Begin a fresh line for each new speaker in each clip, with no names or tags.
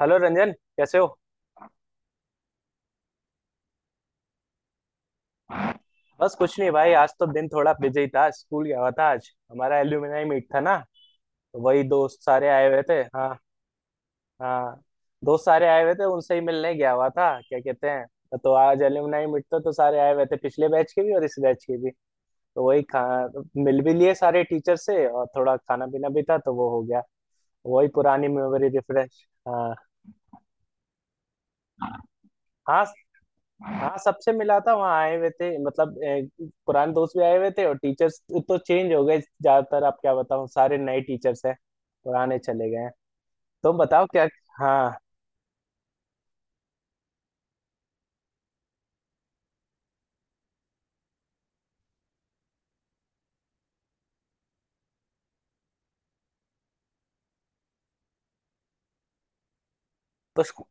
Hello Ranjan. कैसे हो? बस कुछ नहीं भाई, आज तो दिन थोड़ा बिजी था। स्कूल गया हुआ था। आज हमारा एल्यूमिनाई मीट था ना, तो वही दोस्त सारे आए हुए थे। हाँ, हाँ, दोस्त सारे आए हुए थे, उनसे ही मिलने गया हुआ था। क्या कहते हैं, तो आज एल्यूमिनाई मीट था तो सारे आए हुए थे, पिछले बैच के भी और इस बैच के भी। तो वही खा मिल भी लिए सारे टीचर से, और थोड़ा खाना पीना भी था तो वो हो गया। वही पुरानी मेमोरी रिफ्रेश। हाँ हाँ। हाँ, सबसे मिला था, वहाँ आए हुए थे। मतलब पुराने दोस्त भी आए हुए थे, और टीचर्स तो चेंज हो गए ज्यादातर। आप क्या बताऊँ, सारे नए टीचर्स हैं, पुराने चले गए हैं। तुम बताओ क्या। हाँ। तो स्कू-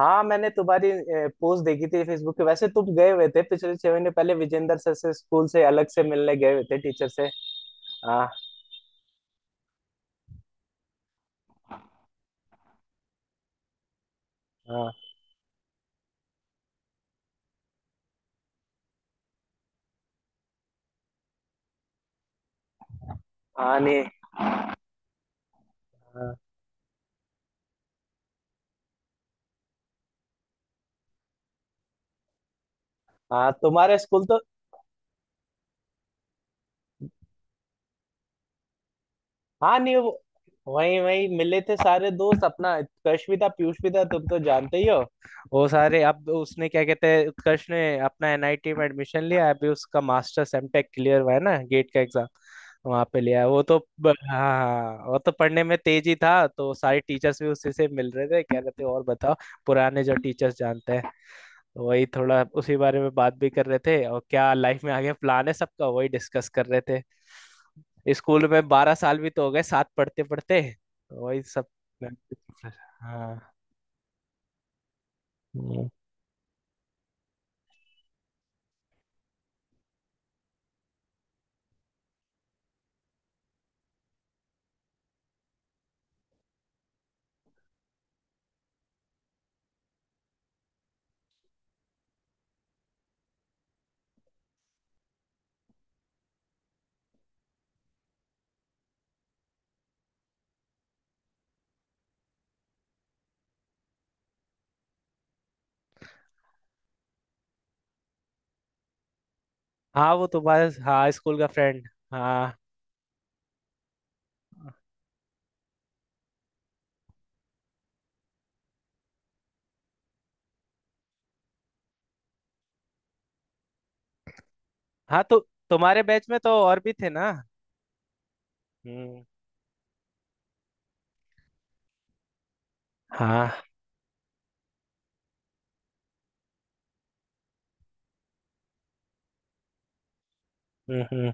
हाँ, मैंने तुम्हारी पोस्ट देखी थी फेसबुक पे। वैसे तुम गए हुए थे पिछले 6 महीने पहले विजेंद्र सर से, स्कूल से अलग से मिलने गए हुए थे टीचर से। हाँ, हाँ, हाँ, नहीं, हाँ, हाँ। तुम्हारे स्कूल तो। हाँ, नहीं, वो वही वही मिले थे सारे दोस्त। अपना उत्कर्ष भी था, पीयूष भी था, तुम तो जानते ही हो। वो सारे, अब तो उसने, क्या कहते हैं, उत्कर्ष ने अपना एनआईटी में एडमिशन लिया। अभी उसका मास्टर्स एमटेक क्लियर हुआ है ना, गेट का एग्जाम वहां पे लिया है। हाँ, हाँ, वो तो पढ़ने में तेज ही था, तो सारे टीचर्स भी उसी से मिल रहे थे, कह रहे थे और बताओ। पुराने जो टीचर्स जानते हैं, तो वही थोड़ा उसी बारे में बात भी कर रहे थे, और क्या लाइफ में आगे प्लान है सबका, वही डिस्कस कर रहे थे। स्कूल में 12 साल भी तो हो गए साथ पढ़ते पढ़ते। वही सब। हाँ। हम्म। हाँ, वो तुम्हारे, हाँ, स्कूल का फ्रेंड, हाँ। हाँ, तो तुम्हारे बैच में तो और भी थे ना। हम्म। हाँ। हम्म। हम्म।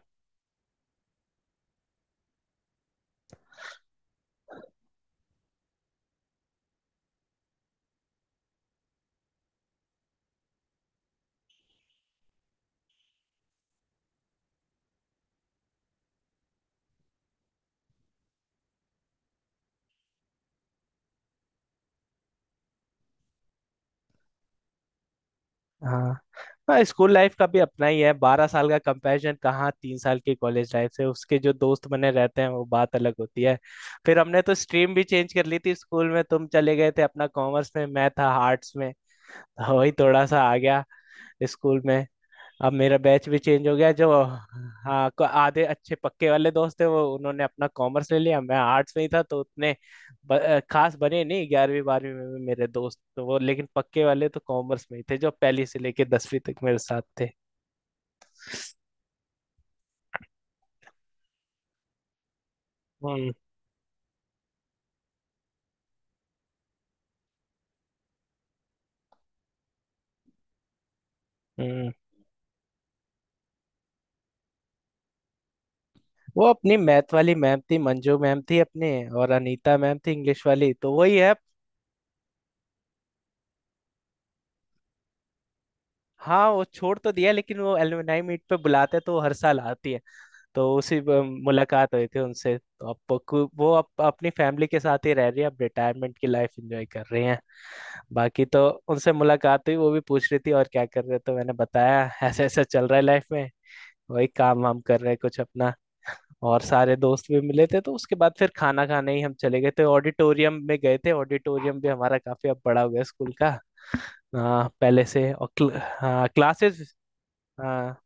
हाँ। हाँ, स्कूल लाइफ का भी अपना ही है। 12 साल का कंपैरिजन कहाँ 3 साल की कॉलेज लाइफ से। उसके जो दोस्त बने रहते हैं वो बात अलग होती है। फिर हमने तो स्ट्रीम भी चेंज कर ली थी स्कूल में। तुम चले गए थे अपना कॉमर्स में, मैं था आर्ट्स में, तो वही थोड़ा सा आ गया स्कूल में। अब मेरा बैच भी चेंज हो गया जो। हाँ, आधे अच्छे पक्के वाले दोस्त थे वो, उन्होंने अपना कॉमर्स ले लिया, मैं आर्ट्स में ही था, तो उतने खास बने नहीं 11वीं 12वीं में भी मेरे दोस्त तो वो। लेकिन पक्के वाले तो कॉमर्स में ही थे, जो पहली से लेके 10वीं तक मेरे साथ थे। हम्म। हम्म। वो अपनी मैथ वाली मैम थी, मंजू मैम थी अपने, और अनीता मैम थी इंग्लिश वाली, तो वही है। हाँ, वो छोड़ तो दिया, लेकिन वो एलुमनाई मीट पे बुलाते हैं, तो वो हर साल आती है। तो मुलाकात हुई थी उनसे। तो अब वो वो अब अपनी फैमिली के साथ ही रह रही है, अब रिटायरमेंट की लाइफ एंजॉय कर रही हैं। बाकी तो उनसे मुलाकात हुई, वो भी पूछ रही थी और क्या कर रहे हो, तो मैंने बताया ऐसा ऐसा चल रहा है लाइफ में, वही काम वाम कर रहे हैं कुछ अपना। और सारे दोस्त भी मिले थे तो उसके बाद फिर खाना खाने ही हम चले गए थे, ऑडिटोरियम में गए थे। ऑडिटोरियम भी हमारा काफी अब बड़ा हो गया स्कूल का, हाँ, पहले से। और हाँ, क्लासेस। हाँ,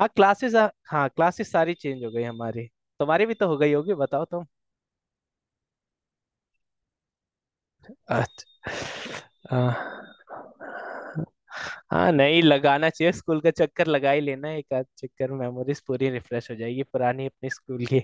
हाँ, क्लासेस। हाँ, क्लासेस सारी चेंज हो गई हमारी। तुम्हारी भी तो हो गई होगी, बताओ तुम। अच्छा। हाँ, नहीं, लगाना चाहिए स्कूल का चक्कर, लगा ही लेना एक आध चक्कर, मेमोरीज पूरी रिफ्रेश हो जाएगी पुरानी अपनी स्कूल की।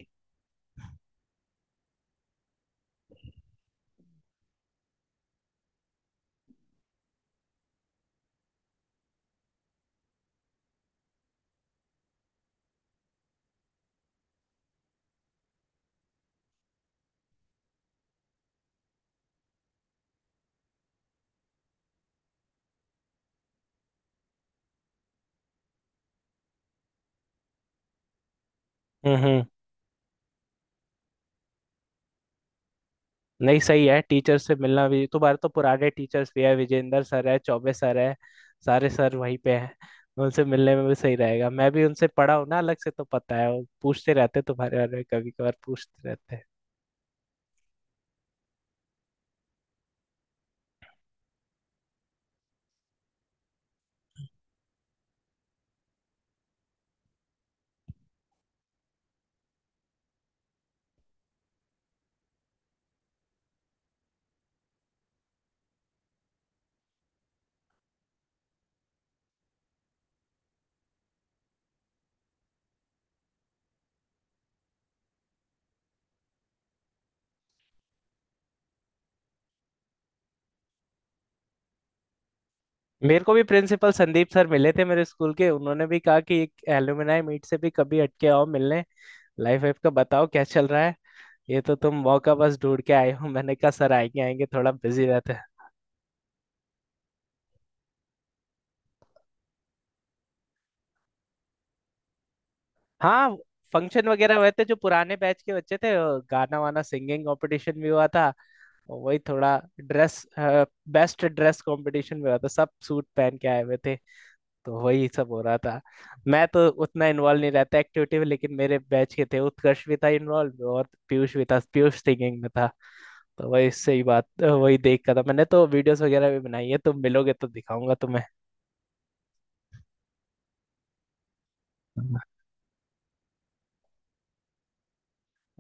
हम्म। हम्म। नहीं, सही है, टीचर से मिलना भी। तुम्हारे तो पुराने टीचर्स भी है, विजेंद्र सर है, चौबे सर है, सारे सर वहीं पे हैं। उनसे मिलने में भी सही रहेगा, मैं भी उनसे पढ़ा हूँ ना अलग से, तो पता है, वो पूछते रहते तुम्हारे बारे में कभी कभार, पूछते रहते हैं। मेरे को भी प्रिंसिपल संदीप सर मिले थे मेरे स्कूल के, उन्होंने भी कहा कि एक एलुमनाई मीट से भी कभी हटके आओ मिलने, लाइफ वाइफ का बताओ क्या चल रहा है। ये तो तुम मौका बस ढूंढ के आए हो। मैंने कहा सर आएंगे आएंगे, थोड़ा बिजी रहते हैं। हाँ, फंक्शन वगैरह हुए थे, जो पुराने बैच के बच्चे थे वो, गाना वाना सिंगिंग कंपटीशन भी हुआ था, और वही थोड़ा ड्रेस, बेस्ट ड्रेस कंपटीशन भी हुआ था, सब सूट पहन के आए हुए थे, तो वही सब हो रहा था। मैं तो उतना इन्वॉल्व नहीं रहता एक्टिविटी में, लेकिन मेरे बैच के थे, उत्कर्ष भी था इन्वॉल्व, और पीयूष भी था, पीयूष सिंगिंग में था। तो वही सही बात वही देख कर था, मैंने तो वीडियोस वगैरह भी बनाई है, तुम मिलोगे तो दिखाऊंगा तुम्हें।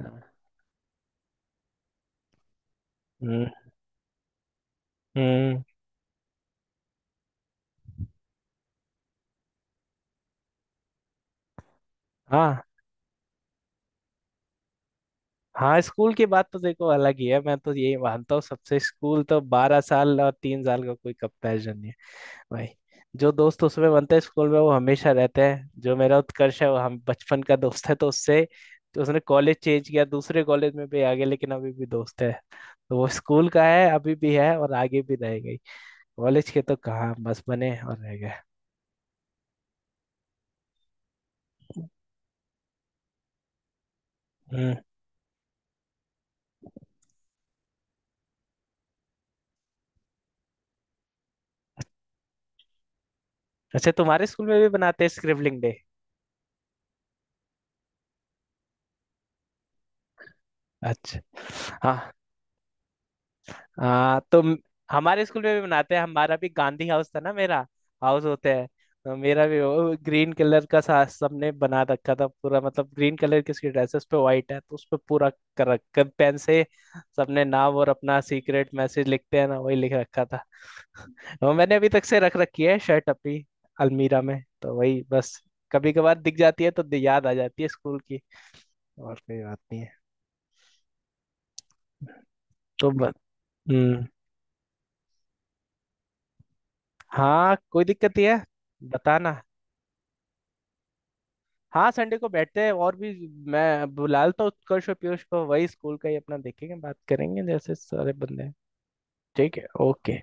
हम्म। हम्म। हाँ। हाँ, स्कूल की बात तो देखो अलग ही है, मैं तो यही मानता हूँ सबसे, स्कूल तो 12 साल और 3 साल का कोई कंपैरिजन नहीं है भाई। जो दोस्त उसमें बनते हैं स्कूल में वो हमेशा रहते हैं। जो मेरा उत्कर्ष है, वो हम बचपन का दोस्त है, तो उससे, तो उसने कॉलेज चेंज किया, दूसरे कॉलेज में भी आ गया, लेकिन अभी भी दोस्त है, तो वो स्कूल का है अभी भी है, और आगे भी रह गई। कॉलेज के तो कहाँ, बस बने और रह गए। हम्म। अच्छा, तुम्हारे स्कूल में भी बनाते हैं स्क्रिबलिंग डे? अच्छा। हाँ। हाँ तो हमारे स्कूल में भी मनाते हैं, हमारा भी गांधी हाउस था ना मेरा, हाउस होता है, तो मेरा भी वो ग्रीन कलर का सा सबने बना रखा था पूरा, मतलब ग्रीन कलर की उसकी ड्रेस, उस पे व्हाइट है, तो उस पे पूरा कर रखा पेन से, सबने नाम और अपना सीक्रेट मैसेज लिखते हैं ना, वही लिख रखा था। और मैंने अभी तक से रख रखी है शर्ट अपनी अलमीरा में, तो वही बस कभी कभार दिख जाती है, तो याद आ जाती है स्कूल की, और कोई बात नहीं है। तो ब... हम्म। हाँ, कोई दिक्कत नहीं है, बताना। हाँ, संडे को बैठते हैं, और भी मैं बुला लेता हूँ उत्कर्ष और पीयूष को, वही स्कूल का ही अपना, देखेंगे बात करेंगे, जैसे सारे बंदे हैं। ठीक है, ओके।